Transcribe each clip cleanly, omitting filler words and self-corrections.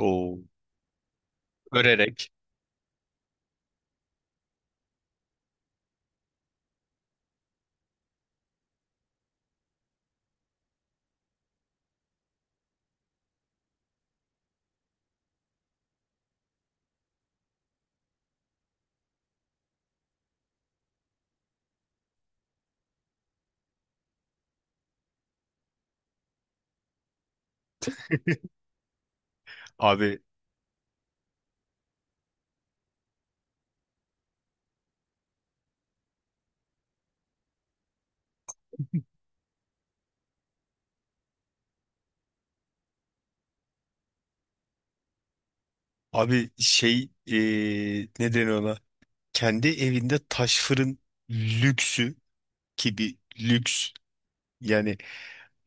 O örerek. Abi abi şey ne deniyor ona? Kendi evinde taş fırın lüksü ki bir lüks yani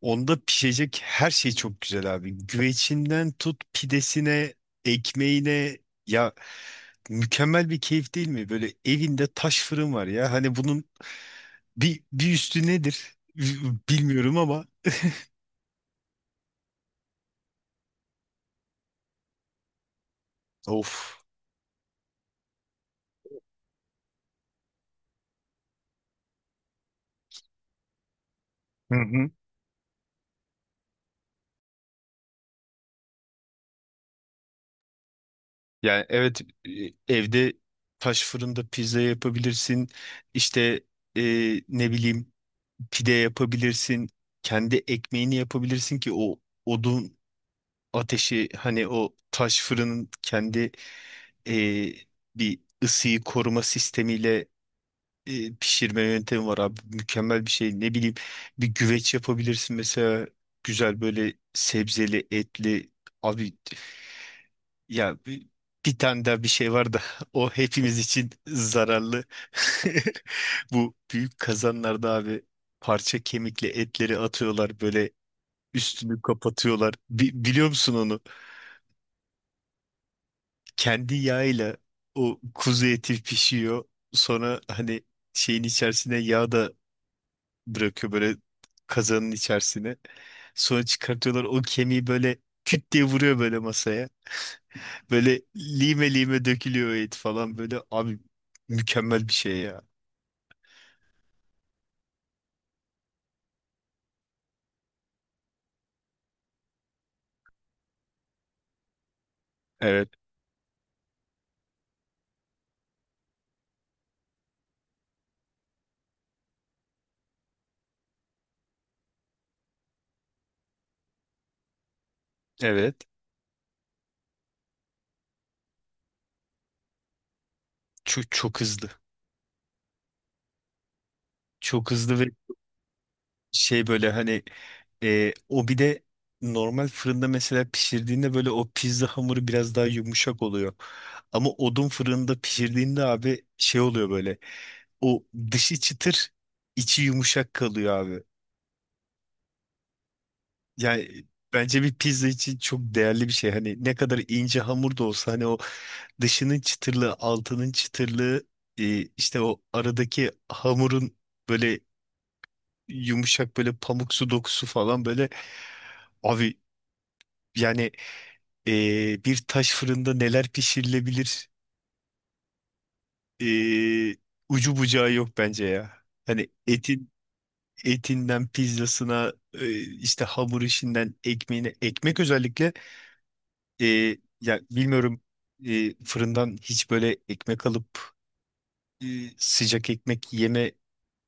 onda pişecek her şey çok güzel abi. Güvecinden tut pidesine, ekmeğine ya mükemmel bir keyif değil mi? Böyle evinde taş fırın var ya. Hani bunun bir üstü nedir? Bilmiyorum ama of. Yani evet e, evde taş fırında pizza yapabilirsin. İşte e, ne bileyim pide yapabilirsin. Kendi ekmeğini yapabilirsin ki o odun ateşi hani o taş fırının kendi e, bir ısıyı koruma sistemiyle pişirme yöntemi var abi. Mükemmel bir şey. Ne bileyim bir güveç yapabilirsin mesela güzel böyle sebzeli etli abi ya bir tane daha bir şey var da o hepimiz için zararlı. Bu büyük kazanlarda abi parça kemikle etleri atıyorlar böyle üstünü kapatıyorlar. Biliyor musun onu? Kendi yağıyla o kuzu eti pişiyor. Sonra hani şeyin içerisine yağ da bırakıyor böyle kazanın içerisine. Sonra çıkartıyorlar o kemiği böyle küt diye vuruyor böyle masaya. Böyle lime lime dökülüyor o et falan böyle abi mükemmel bir şey ya. Evet, evet. Çok çok hızlı. Çok hızlı ve şey böyle hani o bir de normal fırında mesela pişirdiğinde böyle o pizza hamuru biraz daha yumuşak oluyor. Ama odun fırında pişirdiğinde abi şey oluyor böyle. O dışı çıtır, içi yumuşak kalıyor abi. Yani bence bir pizza için çok değerli bir şey. Hani ne kadar ince hamur da olsa hani o dışının çıtırlı, altının çıtırlı, işte o aradaki hamurun böyle yumuşak böyle pamuksu dokusu falan böyle abi yani bir taş fırında neler pişirilebilir e, ucu bucağı yok bence ya. Hani etinden pizzasına işte hamur işinden ekmeğine ekmek özellikle ya bilmiyorum fırından hiç böyle ekmek alıp e, sıcak ekmek yeme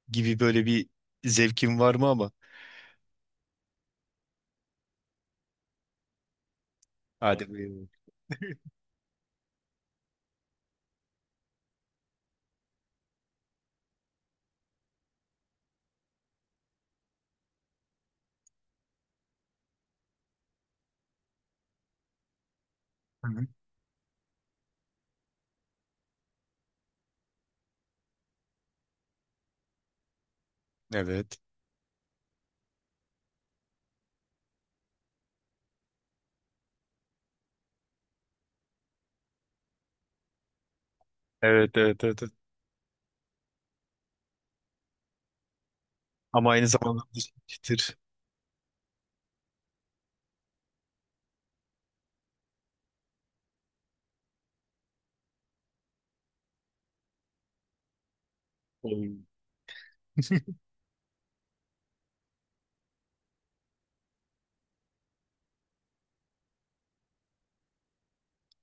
gibi böyle bir zevkin var mı ama? Hadi buyurun. Hı hı. Evet. Evet, evet, evet, evet. Ama aynı zamanda çıtır.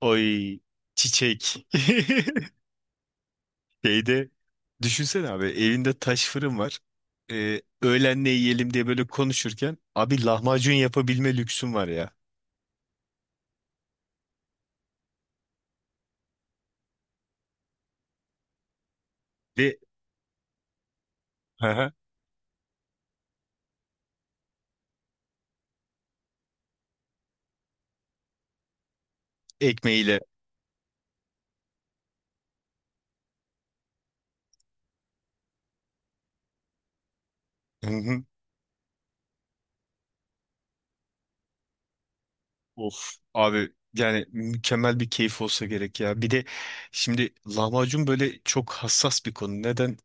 Oy, çiçek. Şeyde düşünsene abi elinde taş fırın var. Öğlen ne yiyelim diye böyle konuşurken abi lahmacun yapabilme lüksün var ya. Ve. Hı hı. Ekmeğiyle. Of abi yani mükemmel bir keyif olsa gerek ya. Bir de şimdi lahmacun böyle çok hassas bir konu. Neden?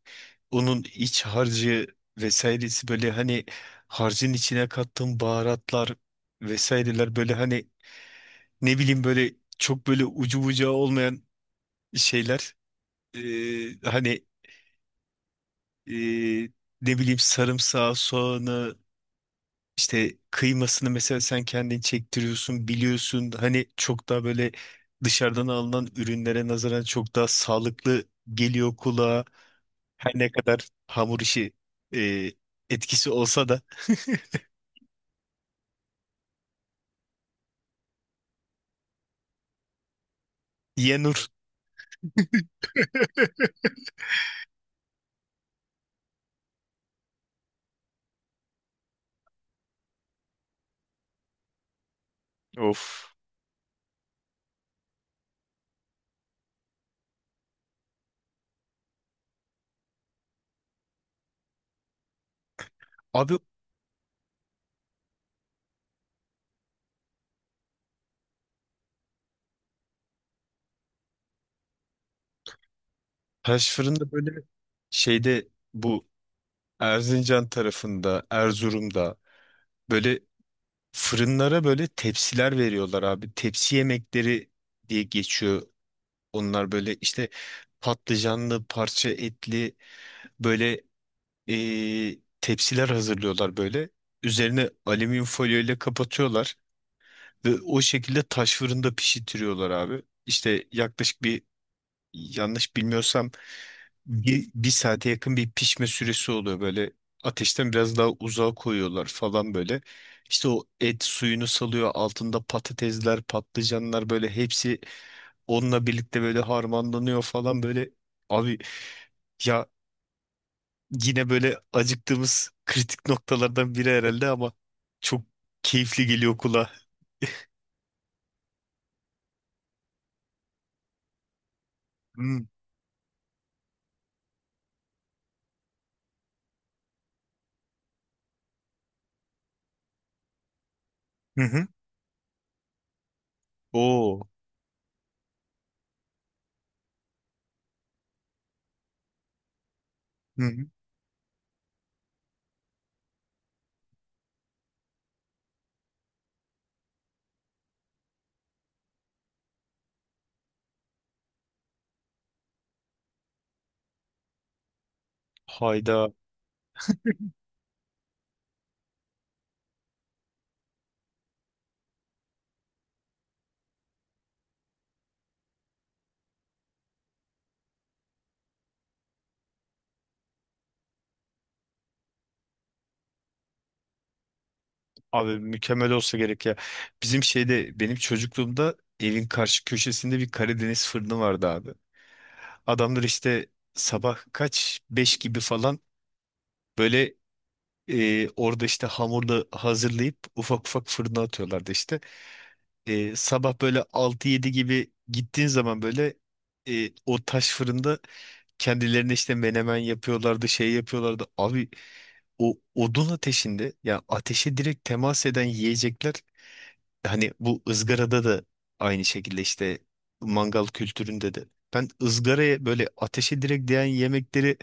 Onun iç harcı vesairesi böyle hani harcın içine kattığım baharatlar vesaireler böyle hani ne bileyim böyle çok böyle ucu bucağı olmayan şeyler. Hani ee, ne bileyim sarımsağı, soğanı İşte kıymasını mesela sen kendin çektiriyorsun, biliyorsun. Hani çok daha böyle dışarıdan alınan ürünlere nazaran çok daha sağlıklı geliyor kulağa. Her ne kadar hamur işi e, etkisi olsa da yenur. Of. Abi taş fırında böyle şeyde bu Erzincan tarafında, Erzurum'da böyle fırınlara böyle tepsiler veriyorlar abi. Tepsi yemekleri diye geçiyor. Onlar böyle işte patlıcanlı, parça etli böyle tepsiler hazırlıyorlar böyle. Üzerine alüminyum folyo ile kapatıyorlar ve o şekilde taş fırında pişirtiyorlar abi. İşte yaklaşık bir yanlış bilmiyorsam bir saate yakın bir pişme süresi oluyor böyle. Ateşten biraz daha uzağa koyuyorlar falan böyle. İşte o et suyunu salıyor. Altında patatesler, patlıcanlar böyle hepsi onunla birlikte böyle harmanlanıyor falan böyle. Abi ya yine böyle acıktığımız kritik noktalardan biri herhalde ama çok keyifli geliyor kulağa. Hmm. Hı hı. Oo. Hı hı. Hayda. Abi mükemmel olsa gerek ya. Bizim şeyde benim çocukluğumda evin karşı köşesinde bir Karadeniz fırını vardı abi. Adamlar işte sabah kaç? Beş gibi falan böyle orada işte hamurla hazırlayıp ufak ufak fırına atıyorlardı işte. Sabah böyle altı yedi gibi gittiğin zaman böyle o taş fırında kendilerine işte menemen yapıyorlardı, şey yapıyorlardı. Abi o odun ateşinde ya ateşe direkt temas eden yiyecekler hani bu ızgarada da aynı şekilde işte mangal kültüründe de. Ben ızgaraya böyle ateşe direkt değen yemekleri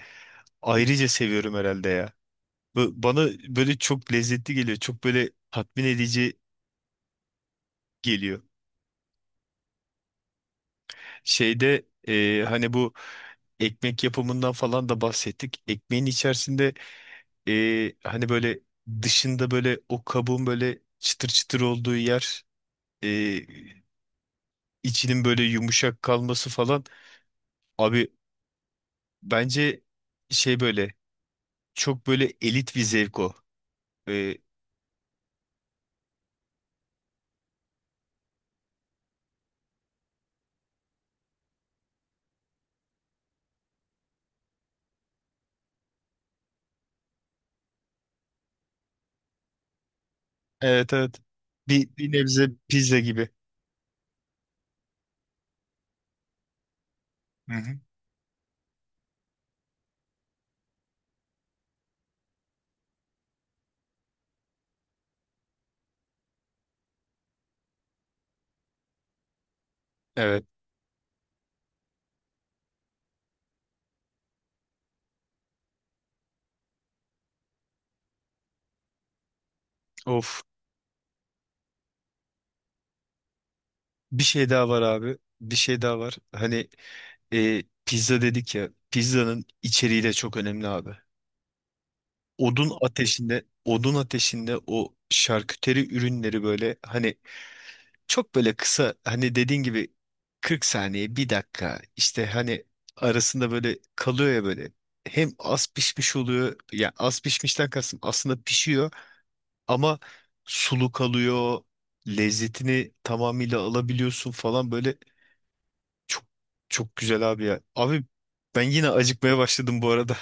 ayrıca seviyorum herhalde ya. Bana böyle çok lezzetli geliyor. Çok böyle tatmin edici geliyor. Şeyde hani bu ekmek yapımından falan da bahsettik. Ekmeğin içerisinde hani böyle dışında böyle o kabuğun böyle çıtır çıtır olduğu yer, e, içinin böyle yumuşak kalması falan. Abi bence şey böyle çok böyle elit bir zevk o. E, evet, evet. Bir nebze pizza gibi. Hı hı. Evet. Of. Bir şey daha var abi. Bir şey daha var. Hani pizza dedik ya. Pizzanın içeriği de çok önemli abi. Odun ateşinde o şarküteri ürünleri böyle hani çok böyle kısa hani dediğin gibi 40 saniye bir dakika işte hani arasında böyle kalıyor ya böyle hem az pişmiş oluyor yani az pişmişten kastım aslında pişiyor ama sulu kalıyor lezzetini tamamıyla alabiliyorsun falan böyle çok çok güzel abi ya abi ben yine acıkmaya başladım bu arada.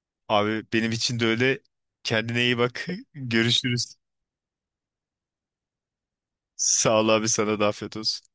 Abi benim için de öyle. Kendine iyi bak. Görüşürüz. Sağ ol abi sana da afiyet olsun.